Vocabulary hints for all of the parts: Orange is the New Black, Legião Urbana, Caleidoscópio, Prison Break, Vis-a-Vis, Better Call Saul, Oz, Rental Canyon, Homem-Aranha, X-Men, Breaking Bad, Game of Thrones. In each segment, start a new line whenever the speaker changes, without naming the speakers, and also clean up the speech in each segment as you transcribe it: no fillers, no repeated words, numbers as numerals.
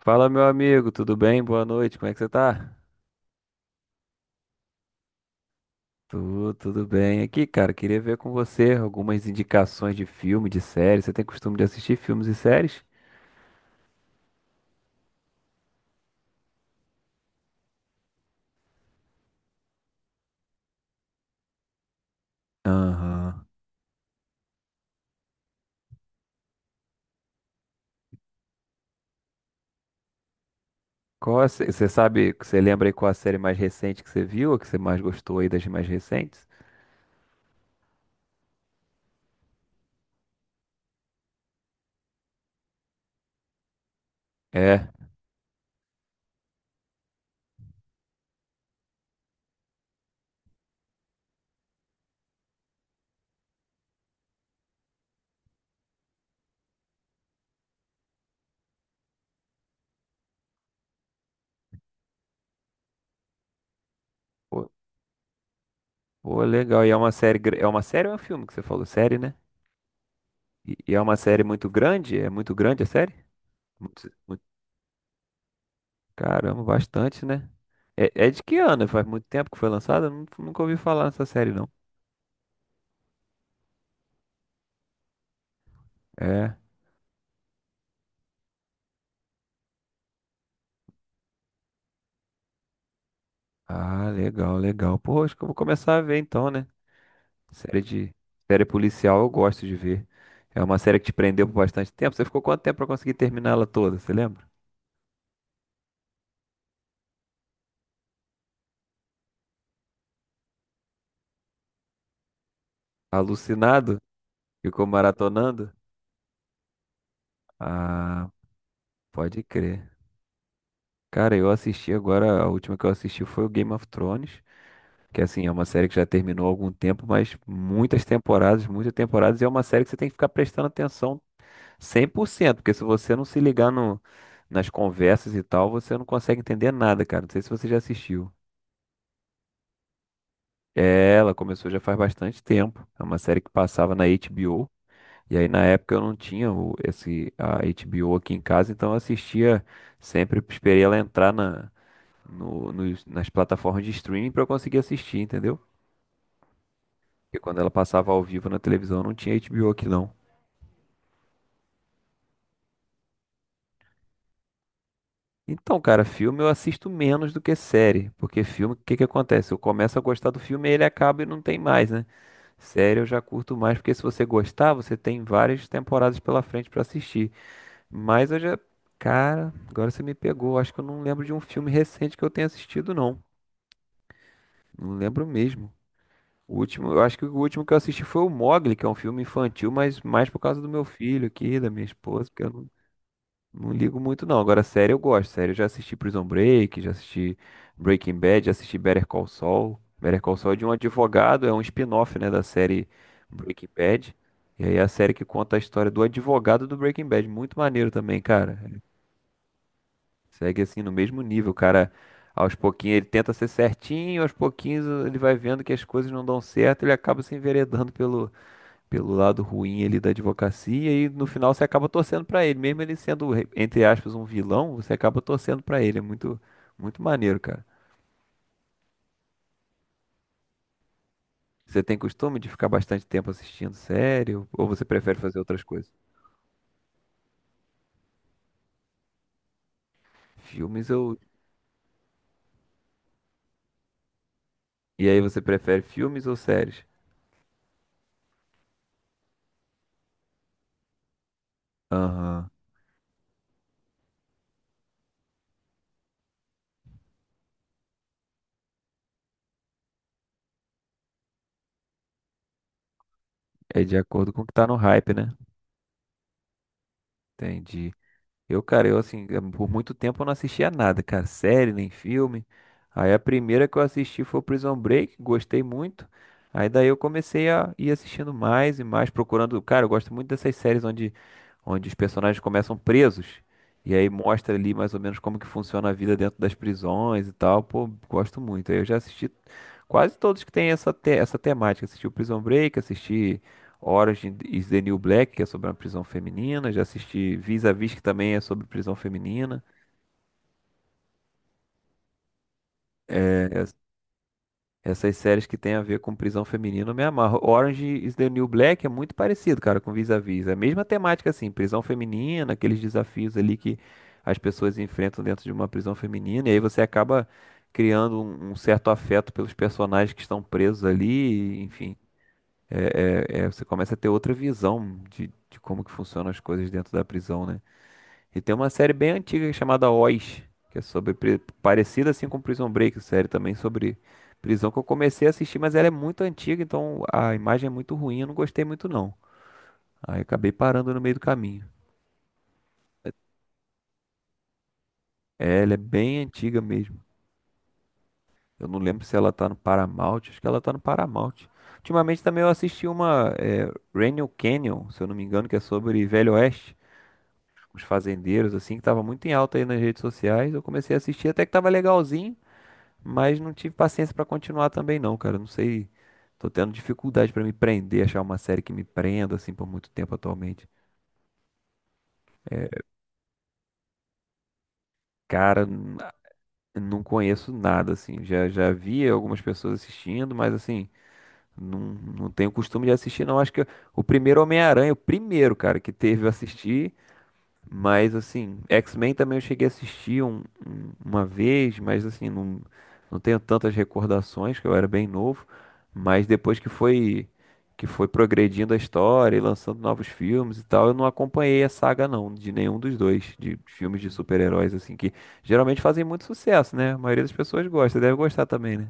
Fala, meu amigo, tudo bem? Boa noite, como é que você tá? Tudo bem. Aqui, cara, queria ver com você algumas indicações de filme, de série. Você tem costume de assistir filmes e séries? Aham. Você sabe, você lembra aí qual a série mais recente que você viu, ou que você mais gostou aí das mais recentes? É. Pô, pô, legal. E é uma série, é uma série ou é um filme que você falou? Série, né? E é uma série muito grande? É muito grande a série? Caramba, bastante, né? É, é de que ano? Faz muito tempo que foi lançada? Nunca ouvi falar nessa série, não. É. Ah, legal, legal. Pô, acho que eu vou começar a ver então, né? Série de. Série policial eu gosto de ver. É uma série que te prendeu por bastante tempo. Você ficou quanto tempo pra conseguir terminar ela toda, você lembra? Alucinado? Ficou maratonando? Ah, pode crer. Cara, eu assisti agora, a última que eu assisti foi o Game of Thrones. Que assim, é uma série que já terminou há algum tempo, mas muitas temporadas, e é uma série que você tem que ficar prestando atenção 100%, porque se você não se ligar no, nas conversas e tal, você não consegue entender nada, cara. Não sei se você já assistiu. É, ela começou já faz bastante tempo. É uma série que passava na HBO. E aí na época eu não tinha esse a HBO aqui em casa, então eu assistia sempre, esperei ela entrar na, no, nos- nas plataformas de streaming para eu conseguir assistir, entendeu? Porque quando ela passava ao vivo na televisão não tinha HBO aqui não. Então, cara, filme eu assisto menos do que série. Porque filme, o que que acontece? Eu começo a gostar do filme e ele acaba e não tem mais, né? Série eu já curto mais, porque se você gostar, você tem várias temporadas pela frente pra assistir. Mas eu já. Cara, agora você me pegou. Acho que eu não lembro de um filme recente que eu tenha assistido, não. Não lembro mesmo. O último, eu acho que o último que eu assisti foi o Mogli, que é um filme infantil, mas mais por causa do meu filho aqui, da minha esposa, porque eu não não ligo muito, não. Agora, série eu gosto. Série eu já assisti Prison Break, já assisti Breaking Bad, já assisti Better Call Saul. Better Call Saul é de um advogado, é um spin-off, né, da série Breaking Bad. E aí é a série que conta a história do advogado do Breaking Bad. Muito maneiro também, cara. Segue assim no mesmo nível, o cara. Aos pouquinhos ele tenta ser certinho, aos pouquinhos ele vai vendo que as coisas não dão certo, ele acaba se enveredando pelo lado ruim ali da advocacia e no final você acaba torcendo pra ele, mesmo ele sendo, entre aspas, um vilão, você acaba torcendo pra ele. É muito, muito maneiro, cara. Você tem costume de ficar bastante tempo assistindo série ou você prefere fazer outras coisas? Filmes ou. E aí você prefere filmes ou séries? Aham. É de acordo com o que tá no hype, né? Entendi. Cara, eu assim, por muito tempo eu não assistia nada, cara, série nem filme. Aí a primeira que eu assisti foi o Prison Break, gostei muito. Aí daí eu comecei a ir assistindo mais e mais, procurando. Cara, eu gosto muito dessas séries onde os personagens começam presos. E aí mostra ali mais ou menos como que funciona a vida dentro das prisões e tal. Pô, gosto muito. Aí eu já assisti quase todos que tem essa temática. Assisti o Prison Break, assisti Orange is the New Black, que é sobre uma prisão feminina. Já assisti Vis-a-Vis, que também é sobre prisão feminina. É, es- essas séries que tem a ver com prisão feminina, eu me amarro. Orange is the New Black é muito parecido, cara, com Vis-a-Vis. É a mesma temática, assim, prisão feminina, aqueles desafios ali que as pessoas enfrentam dentro de uma prisão feminina. E aí você acaba criando um certo afeto pelos personagens que estão presos ali, e, enfim. Você começa a ter outra visão de como que funcionam as coisas dentro da prisão, né? E tem uma série bem antiga chamada Oz, que é sobre parecida assim com Prison Break, série também sobre prisão que eu comecei a assistir, mas ela é muito antiga, então a imagem é muito ruim, eu não gostei muito não. Aí acabei parando no meio do caminho. É, ela é bem antiga mesmo. Eu não lembro se ela tá no Paramount, acho que ela tá no Paramount. Ultimamente também eu assisti uma Rental Canyon, se eu não me engano, que é sobre Velho Oeste, os fazendeiros assim, que tava muito em alta aí nas redes sociais. Eu comecei a assistir até que tava legalzinho. Mas não tive paciência pra continuar também não, cara. Não sei, tô tendo dificuldade pra me prender, achar uma série que me prenda assim por muito tempo atualmente. Cara, não conheço nada assim. Já vi algumas pessoas assistindo, mas assim, não tenho costume de assistir não. Acho que o primeiro Homem-Aranha, o primeiro, cara, que teve eu assisti. Mas assim, X-Men também eu cheguei a assistir uma vez, mas assim, não, não tenho tantas recordações, que eu era bem novo, mas depois que foi progredindo a história e lançando novos filmes e tal, eu não acompanhei a saga não, de nenhum dos dois, de filmes de super-heróis assim que geralmente fazem muito sucesso, né? A maioria das pessoas gosta, deve gostar também, né?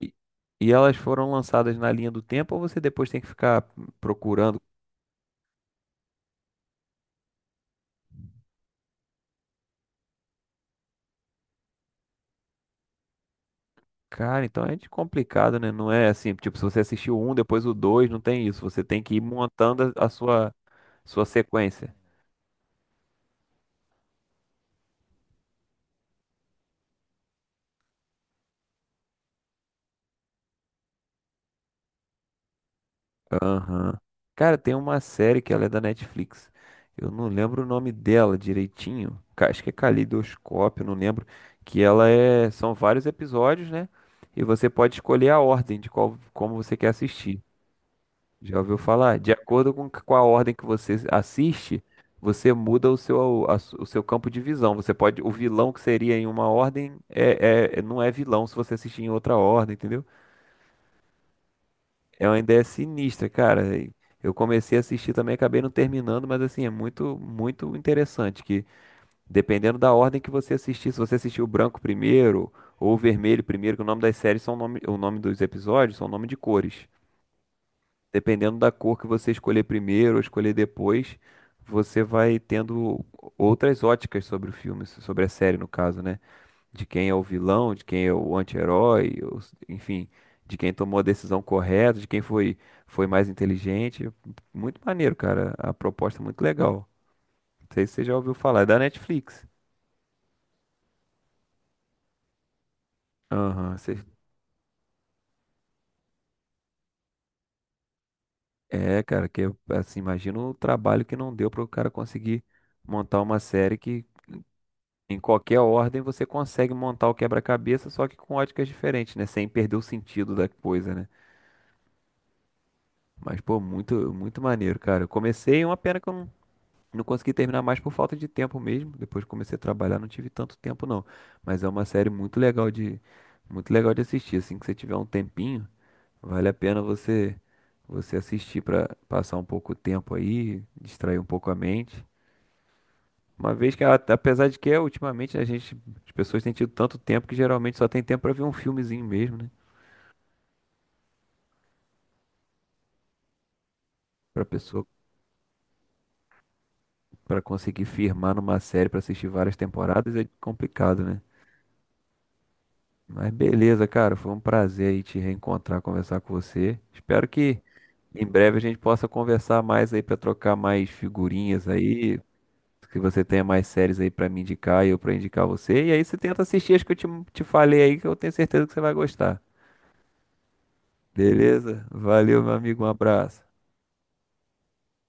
E, e elas foram lançadas na linha do tempo ou você depois tem que ficar procurando? Cara, então é de complicado, né? Não é assim, tipo, se você assistiu um, depois o dois, não tem isso. Você tem que ir montando a sua, sua sequência. Aham. Cara, tem uma série que ela é da Netflix. Eu não lembro o nome dela direitinho. Acho que é Caleidoscópio, não lembro. Que ela é. São vários episódios, né? E você pode escolher a ordem de qual, como você quer assistir. Já ouviu falar? De acordo com a ordem que você assiste, você muda o seu, o seu campo de visão. Você pode, o vilão que seria em uma ordem não é vilão se você assistir em outra ordem, entendeu? É uma ideia sinistra, cara. E eu comecei a assistir também, acabei não terminando, mas assim, é muito, muito interessante que dependendo da ordem que você assistir, se você assistir o branco primeiro ou o vermelho primeiro, que o nome das séries são nome, o nome dos episódios são nome de cores. Dependendo da cor que você escolher primeiro ou escolher depois, você vai tendo outras óticas sobre o filme, sobre a série, no caso, né? De quem é o vilão, de quem é o anti-herói, ou enfim, de quem tomou a decisão correta, de quem foi, foi mais inteligente. Muito maneiro, cara. A proposta é muito legal. Não sei se você já ouviu falar, é da Netflix. Aham, é, cara, que assim, imagina o trabalho que não deu para o cara conseguir montar uma série que em qualquer ordem você consegue montar o quebra-cabeça, só que com óticas diferentes, né? Sem perder o sentido da coisa, né? Mas, pô, muito, muito maneiro, cara. Eu comecei, uma pena que eu não consegui terminar mais por falta de tempo mesmo. Depois que comecei a trabalhar, não tive tanto tempo, não. Mas é uma série muito legal muito legal de assistir. Assim que você tiver um tempinho, vale a pena você assistir pra passar um pouco o tempo aí, distrair um pouco a mente. Uma vez que, apesar de que é, ultimamente as pessoas têm tido tanto tempo que geralmente só tem tempo pra ver um filmezinho mesmo, né? Pra pessoa, pra conseguir firmar numa série pra assistir várias temporadas é complicado, né? Mas beleza, cara, foi um prazer aí te reencontrar, conversar com você. Espero que em breve a gente possa conversar mais aí pra trocar mais figurinhas aí, que você tenha mais séries aí pra me indicar e eu pra indicar você. E aí você tenta assistir as que te falei aí, que eu tenho certeza que você vai gostar. Beleza? Valeu, meu amigo, um abraço.